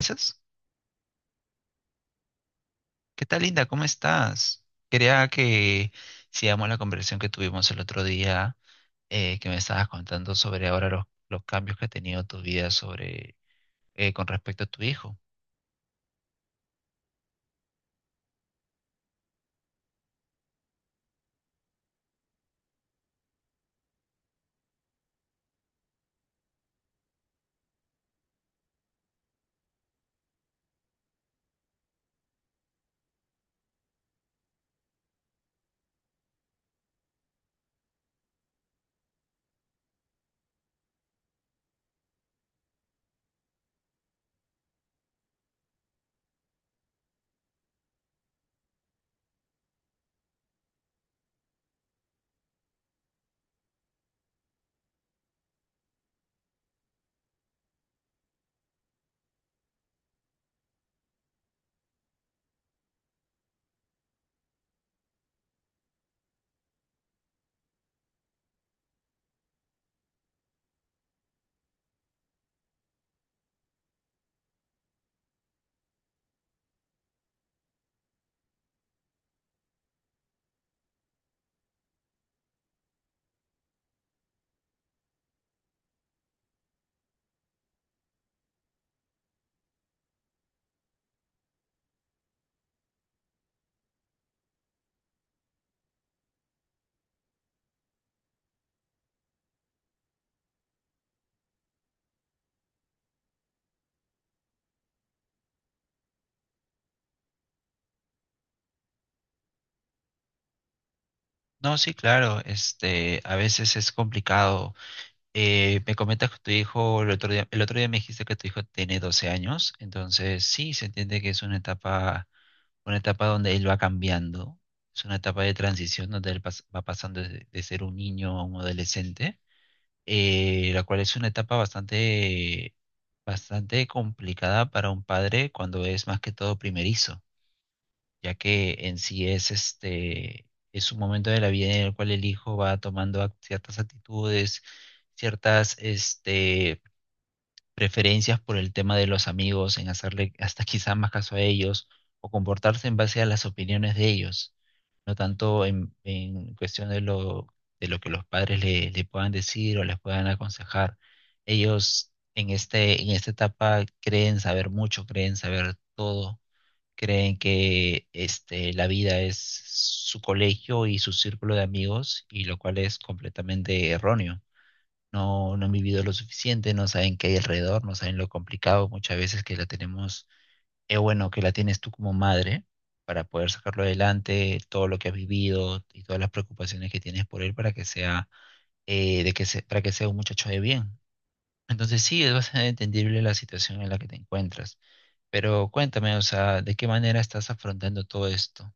Esas. ¿Qué tal, Linda? ¿Cómo estás? Quería que sigamos la conversación que tuvimos el otro día, que me estabas contando sobre ahora los cambios que ha tenido tu vida sobre, con respecto a tu hijo. No, sí, claro, a veces es complicado. Me comentas que tu hijo, el otro día me dijiste que tu hijo tiene 12 años. Entonces sí, se entiende que es una etapa donde él va cambiando, es una etapa de transición donde va pasando de ser un niño a un adolescente, la cual es una etapa bastante, bastante complicada para un padre cuando es más que todo primerizo, ya que en sí es un momento de la vida en el cual el hijo va tomando ciertas actitudes, ciertas, preferencias por el tema de los amigos, en hacerle hasta quizá más caso a ellos o comportarse en base a las opiniones de ellos, no tanto en cuestión de lo que los padres le puedan decir o les puedan aconsejar. Ellos en esta etapa creen saber mucho, creen saber todo, creen que la vida es su colegio y su círculo de amigos, y lo cual es completamente erróneo. No han vivido lo suficiente, no saben qué hay alrededor, no saben lo complicado muchas veces que la tenemos, es bueno, que la tienes tú como madre para poder sacarlo adelante, todo lo que has vivido y todas las preocupaciones que tienes por él para que sea, para que sea un muchacho de bien. Entonces sí, es bastante entendible la situación en la que te encuentras. Pero cuéntame, o sea, ¿de qué manera estás afrontando todo esto?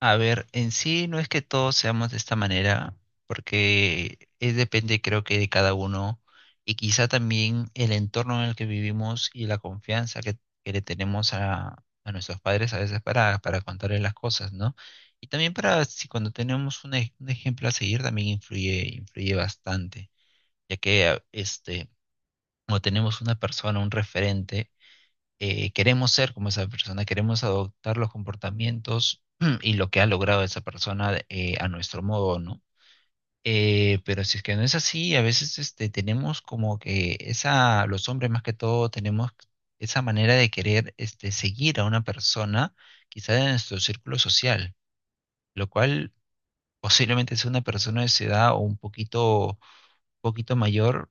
A ver, en sí no es que todos seamos de esta manera, porque es depende, creo que, de cada uno y quizá también el entorno en el que vivimos y la confianza que le tenemos a nuestros padres a veces para contarles las cosas, ¿no? Y también para si cuando tenemos un ejemplo a seguir también influye bastante, ya que como tenemos una persona, un referente, queremos ser como esa persona, queremos adoptar los comportamientos y lo que ha logrado esa persona, a nuestro modo, ¿no? Pero si es que no es así, a veces tenemos como que esa, los hombres más que todo, tenemos esa manera de querer seguir a una persona, quizá de nuestro círculo social, lo cual posiblemente sea una persona de su edad o un poquito, poquito mayor,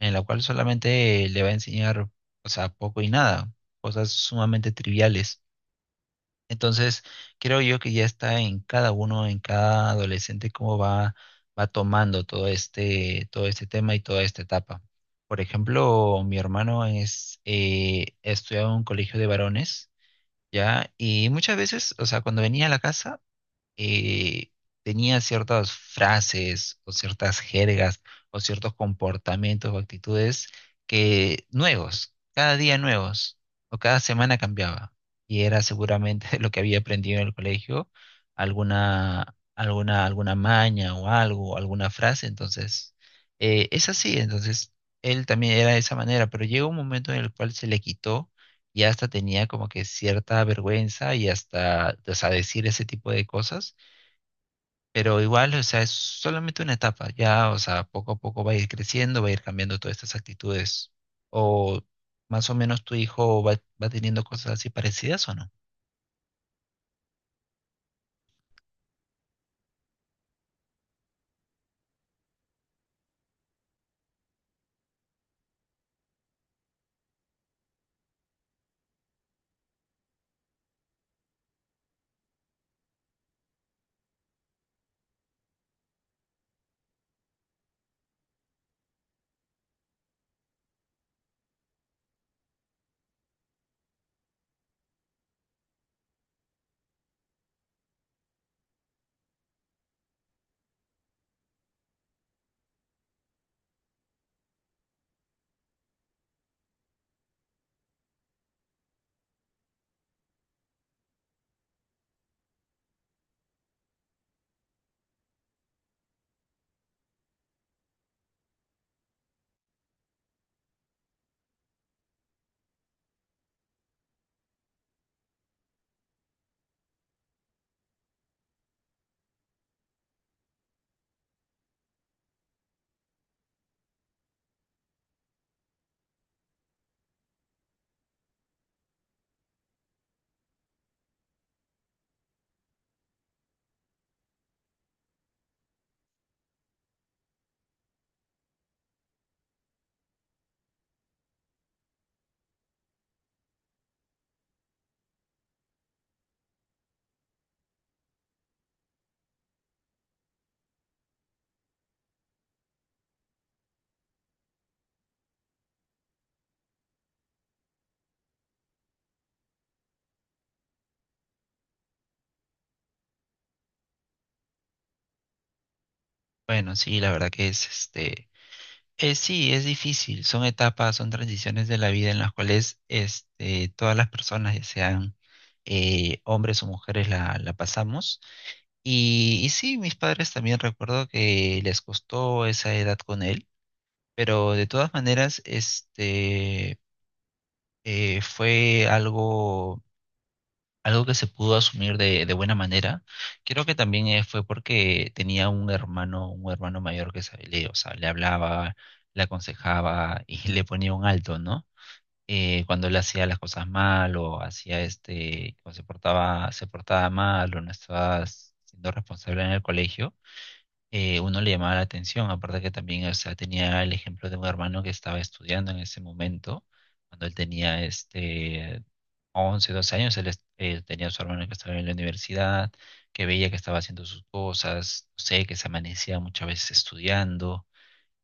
en la cual solamente le va a enseñar, o sea, poco y nada, cosas sumamente triviales. Entonces, creo yo que ya está en cada uno, en cada adolescente, cómo va tomando todo este tema y toda esta etapa. Por ejemplo, mi hermano estudiaba en un colegio de varones, ¿ya? Y muchas veces, o sea, cuando venía a la casa, eh, tenía ciertas frases o ciertas jergas o ciertos comportamientos o actitudes que nuevos, cada día nuevos o cada semana cambiaba. Y era seguramente lo que había aprendido en el colegio, alguna maña o algo, alguna frase. Entonces, es así. Entonces, él también era de esa manera, pero llegó un momento en el cual se le quitó y hasta tenía como que cierta vergüenza y hasta, o sea, decir ese tipo de cosas. Pero igual, o sea, es solamente una etapa, ya, o sea, poco a poco va a ir creciendo, va a ir cambiando todas estas actitudes. O más o menos tu hijo va teniendo cosas así parecidas o no. Bueno, sí, la verdad sí, es difícil, son etapas, son transiciones de la vida en las cuales, todas las personas, ya sean hombres o mujeres, la pasamos. Y sí, mis padres también recuerdo que les costó esa edad con él. Pero de todas maneras, fue algo que se pudo asumir de buena manera. Creo que también, fue porque tenía un hermano mayor que o sea, le hablaba, le aconsejaba y le ponía un alto, ¿no? Cuando él hacía las cosas mal o hacía o se portaba mal o no estaba siendo responsable en el colegio, uno le llamaba la atención, aparte que también, o sea, tenía el ejemplo de un hermano que estaba estudiando en ese momento, cuando él tenía 11, 12 años, él tenía a su hermano que estaba en la universidad, que veía que estaba haciendo sus cosas, no sé, que se amanecía muchas veces estudiando,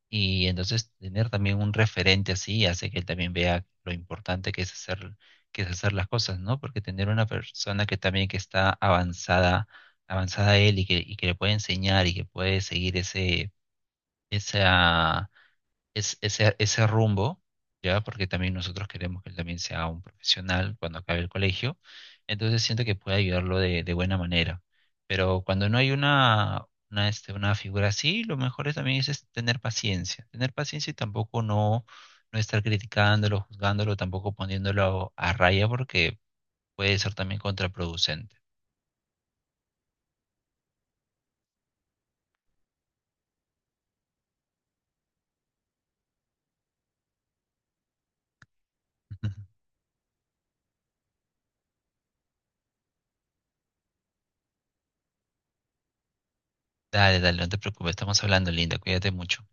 y entonces tener también un referente así hace que él también vea lo importante que es hacer las cosas, ¿no? Porque tener una persona que también que está avanzada, avanzada a él y que le puede enseñar y que puede seguir ese, esa, es, ese rumbo, ¿ya? Porque también nosotros queremos que él también sea un profesional cuando acabe el colegio. Entonces siento que puede ayudarlo de buena manera. Pero cuando no hay una figura así, lo mejor es tener paciencia. Tener paciencia y tampoco no estar criticándolo, juzgándolo, tampoco poniéndolo a raya porque puede ser también contraproducente. Dale, dale, no te preocupes, estamos hablando, Linda, cuídate mucho.